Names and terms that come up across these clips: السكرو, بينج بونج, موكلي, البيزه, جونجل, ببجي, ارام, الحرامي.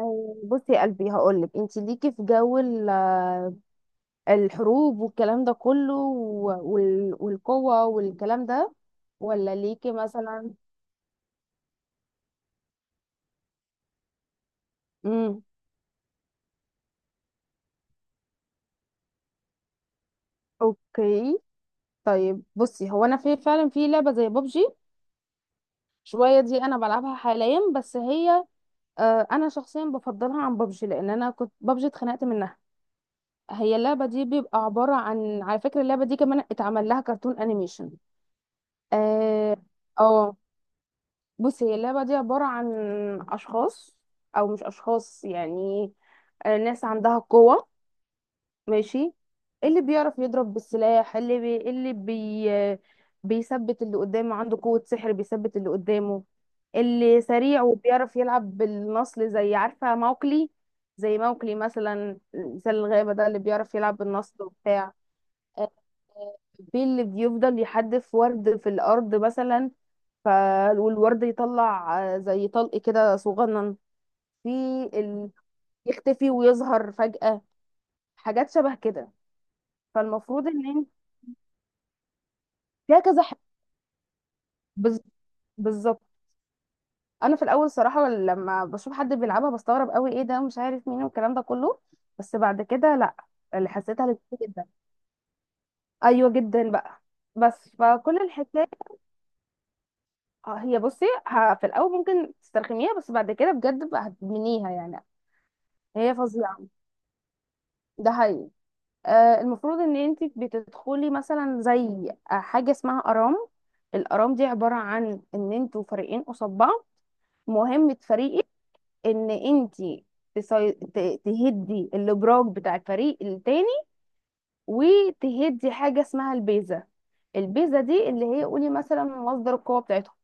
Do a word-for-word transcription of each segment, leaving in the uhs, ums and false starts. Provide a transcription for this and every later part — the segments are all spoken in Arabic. آه، بصي يا قلبي هقولك انت ليكي في جو ال- آه، الحروب والكلام ده كله و- وال- والقوة والكلام ده ولا ليكي مثلا. امم اوكي، طيب بصي، هو انا في فعلا في لعبة زي ببجي شوية، دي انا بلعبها حاليا. بس هي، آه، انا شخصيا بفضلها عن ببجي لان انا كنت ببجي اتخنقت منها. هي اللعبة دي بيبقى عبارة عن، على فكرة اللعبة دي كمان اتعمل لها كرتون انيميشن. اه. آه، بص هي اللعبة دي عبارة عن أشخاص، أو مش أشخاص يعني، آه، ناس عندها قوة. ماشي. اللي بيعرف يضرب بالسلاح اللي بي... اللي بي... آه، بيثبت اللي قدامه، عنده قوة سحر بيثبت اللي قدامه. اللي سريع وبيعرف يلعب بالنصل زي عارفة موكلي، زي موكلي مثلا، مثل الغابة ده، اللي بيعرف يلعب بالنصل وبتاع. آه، بيه اللي بيفضل يحدف ورد في الأرض مثلا، ف، والورد يطلع آه، زي طلق كده صغنن، في ال... يختفي ويظهر فجأة، حاجات شبه كده. فالمفروض ان انت، فيها كذا ح... بز... بالظبط. انا في الاول صراحة لما بشوف حد بيلعبها بستغرب قوي، ايه ده ومش عارف مين والكلام ده كله. بس بعد كده لا، اللي حسيتها لذيذة جدا. ايوه جدا بقى، بس فكل الحكايه، آه، هي بصي، ه- في الاول ممكن تسترخميها بس بعد كده بجد بقى هتدمنيها يعني. هي فظيعه، ده حقيقي. آه، المفروض ان انت بتدخلي مثلا زي حاجه اسمها ارام. الارام دي عباره عن ان انتوا فريقين قصاد بعض. مهمه فريقك ان انت تسي... ت- تهدي الابراج بتاع الفريق التاني، وتهدي حاجه اسمها البيزه. البيزه دي اللي هي، قولي مثلا، مصدر القوه بتاعتهم.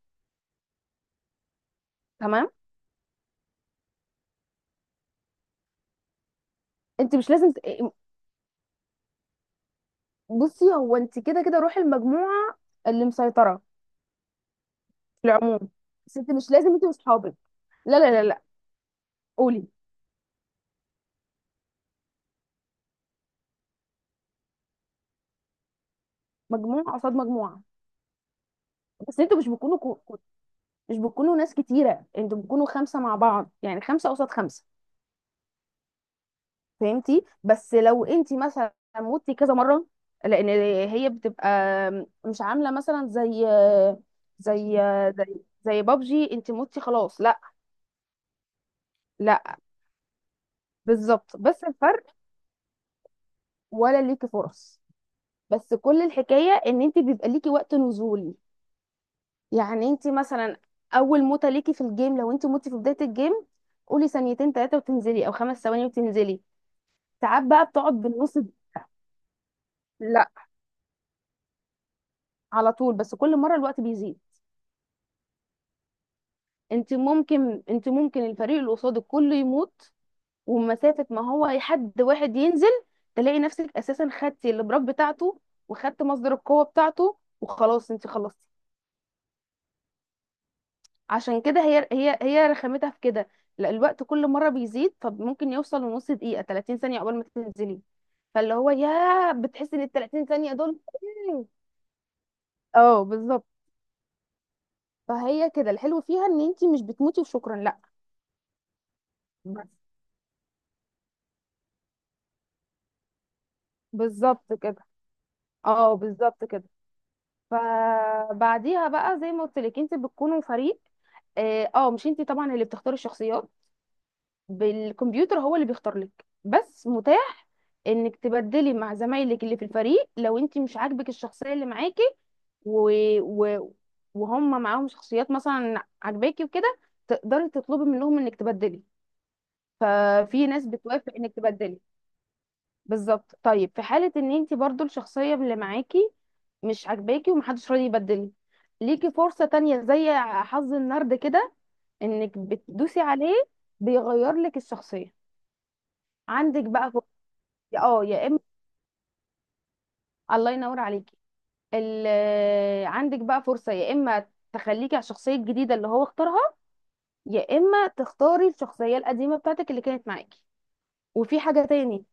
تمام. انت مش لازم ت- بصي هو انت كده كده روحي المجموعه اللي مسيطره في العموم. بس انت مش لازم انت واصحابك، لا لا لا لا قولي. مجموعه قصاد مجموعه. بس انتوا مش بتكونوا كو... كو- مش بتكونوا ناس كتيره، انتوا بتكونوا خمسه مع بعض، يعني خمسه قصاد خمسه. فهمتي. بس لو انت مثلا موتي كذا مره، لان هي بتبقى مش عامله مثلا زي، زي زي زي بابجي، انت موتي خلاص لا. لا، بالظبط، بس الفرق، ولا ليكي فرص، بس كل الحكايه ان انت بيبقى ليكي وقت نزول. يعني انت مثلا اول موته ليكي في الجيم، لو انت موتي في بدايه الجيم، قولي ثانيتين ثلاثه وتنزلي، او خمس ثواني وتنزلي. ساعات بقى بتقعد بالنص. لا، على طول، بس كل مره الوقت بيزيد. انت ممكن انت ممكن الفريق اللي قصادك كله يموت، ومسافه ما هو حد واحد ينزل، تلاقي نفسك اساسا خدتي البراك بتاعته، وخدت مصدر القوه بتاعته، وخلاص انت خلصتي. عشان كده هي هي هي رخامتها في كده. لا، الوقت كل مره بيزيد، فممكن يوصل لنص دقيقه، ثلاثين ثانيه قبل ما تنزلي، فاللي هو يا بتحسي ان ال ثلاثين ثانيه دول اه بالظبط. فهي كده الحلو فيها ان انتي مش بتموتي وشكرا لا بس. بالظبط كده. اه بالظبط كده. فبعديها بقى زي ما قلت لك انت بتكونوا فريق. اه، آه، مش انت طبعا اللي بتختاري الشخصيات، بالكمبيوتر هو اللي بيختار لك. بس متاح انك تبدلي مع زمايلك اللي في الفريق، لو انت مش عاجبك الشخصيه اللي معاكي، و... و... وهم معاهم شخصيات مثلا عاجباكي وكده، تقدري تطلبي منهم انك تبدلي. ففي ناس بتوافق انك تبدلي. بالظبط. طيب في حالة ان انت برضو الشخصية اللي معاكي مش عاجباكي، ومحدش راضي يبدل، ليكي فرصة تانية، زي حظ النرد كده، انك بتدوسي عليه، بيغير لك الشخصية، عندك بقى فرصة. اه يا اما، الله ينور عليكي، ال... آه، عندك بقى فرصة يا اما تخليكي على الشخصية الجديدة اللي هو اختارها، يا اما تختاري الشخصية القديمة بتاعتك اللي كانت معاكي. وفي حاجة تاني،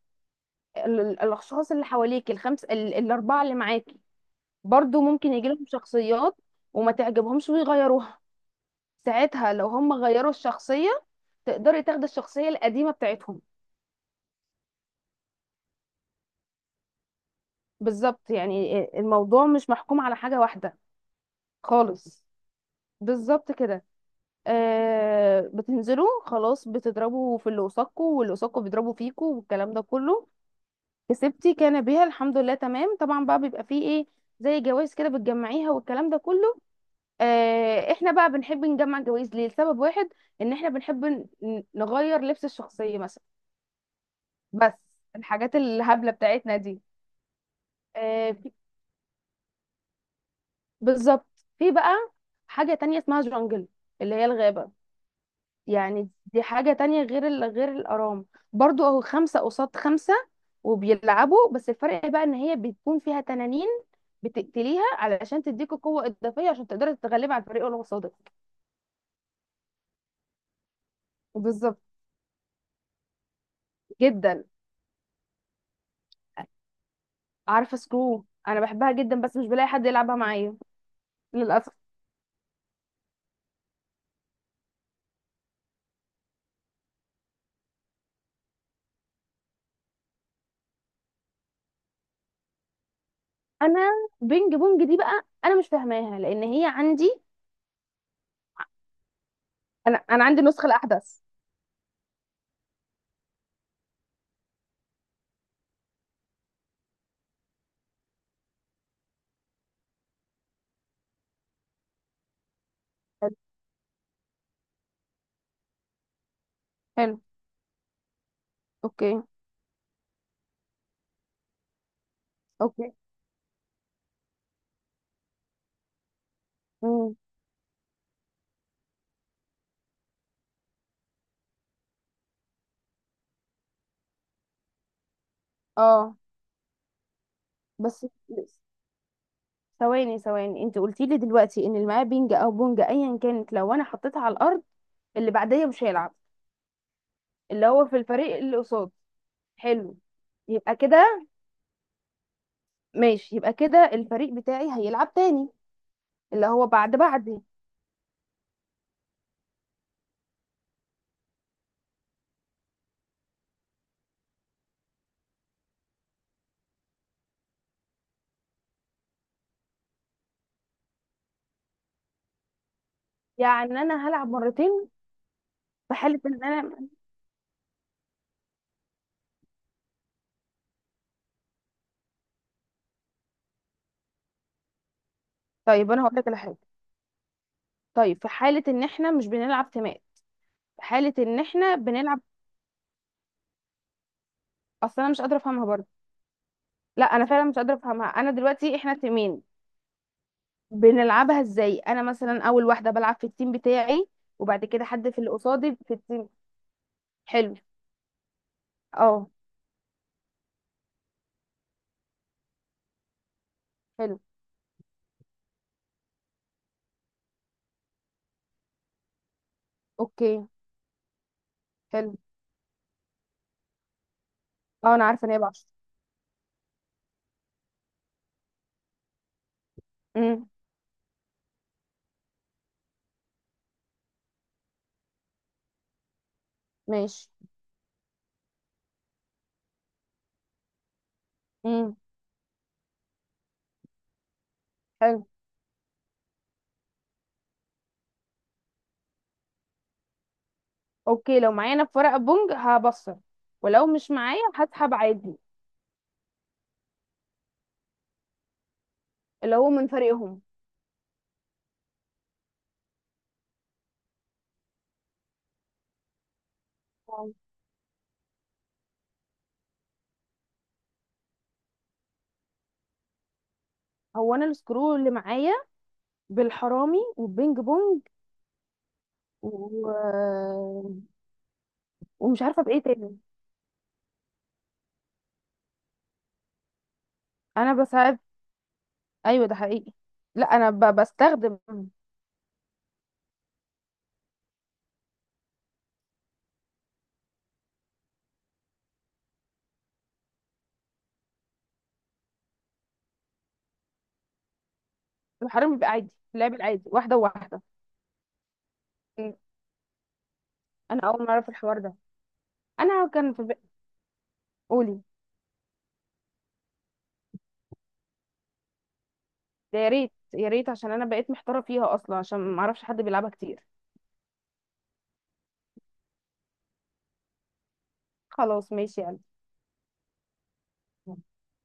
ال- ال- الاشخاص اللي حواليك، الخمس، ال- الاربعة اللي معاكي، برضو ممكن يجي لهم شخصيات وما تعجبهمش ويغيروها، ساعتها لو هم غيروا الشخصية تقدري تاخدي الشخصية القديمة بتاعتهم. بالظبط، يعني الموضوع مش محكوم على حاجة واحدة خالص. بالظبط كده. آه، بتنزلوا خلاص، بتضربوا في اللي قصادكوا، واللي قصادكوا بيضربوا فيكوا والكلام ده كله. كسبتي كان بيها الحمد لله تمام. طبعا بقى بيبقى فيه ايه، زي جوائز كده بتجمعيها والكلام ده كله. آه، احنا بقى بنحب نجمع جوائز ليه، لسبب واحد، ان احنا بنحب ن- نغير لبس الشخصية مثلا، بس الحاجات الهبلة بتاعتنا دي. آه، في- بالظبط. في بقى حاجة تانية اسمها جونجل، اللي هي الغابة، يعني دي حاجة تانية غير ال... غير الأرام. برضو اهو خمسة قصاد خمسة، وبيلعبوا، بس الفرق بقى ان هي بتكون فيها تنانين، بتقتليها علشان تديكوا قوة إضافية عشان تقدري تتغلبي على الفريق اللي قصادك. بالظبط. جدا. عارفه سكرو، انا بحبها جدا بس مش بلاقي حد يلعبها معايا للاسف. انا بينج بونج دي بقى انا مش فاهماها، لان هي عندي، انا انا عندي النسخه الاحدث. حلو. حلو. اوكي. اوكي. امم. اه بس. ثواني ثواني، انت قلتي لي دلوقتي ان اللي معاه بينج او بونج ايا كانت، لو انا حطيتها على الارض اللي بعديه مش هيلعب. اللي هو في الفريق اللي قصاد. حلو، يبقى كده، ماشي يبقى كده الفريق بتاعي هيلعب تاني، اللي هو بعد بعدي. يعني انا هلعب مرتين. في حالة ان انا، طيب انا هقول لك على حاجة. طيب في حالة ان احنا مش بنلعب تيمات، في حالة ان احنا بنلعب، اصل انا مش قادرة افهمها برضه. لا انا فعلا مش قادرة افهمها. انا دلوقتي احنا تيمين، بنلعبها ازاي؟ انا مثلا اول واحدة بلعب في التيم بتاعي، وبعد كده حد في اللي قصادي في التيم. حلو. اه. حلو. اوكي. حلو. اه، انا عارفة ان هي بعشرة. امم. ماشي. امم. حلو. اوكي، لو معايا انا في ورقة بونج هبصر، ولو مش معايا هسحب عادي. اللي هو من فريقهم. هو انا السكرو اللي معايا بالحرامي والبينج بونج، و... ومش عارفه بايه تاني. انا بساعد. ايوه ده حقيقي. لا انا ب... بستخدم. الحرامي بيبقى عادي، اللعب العادي، واحده وواحده. انا اول مره اعرف الحوار ده، انا كان في بق- قولي، ده يا ريت يا ريت، عشان انا بقيت محتاره فيها اصلا، عشان ما اعرفش حد بيلعبها كتير. خلاص ماشي يعني.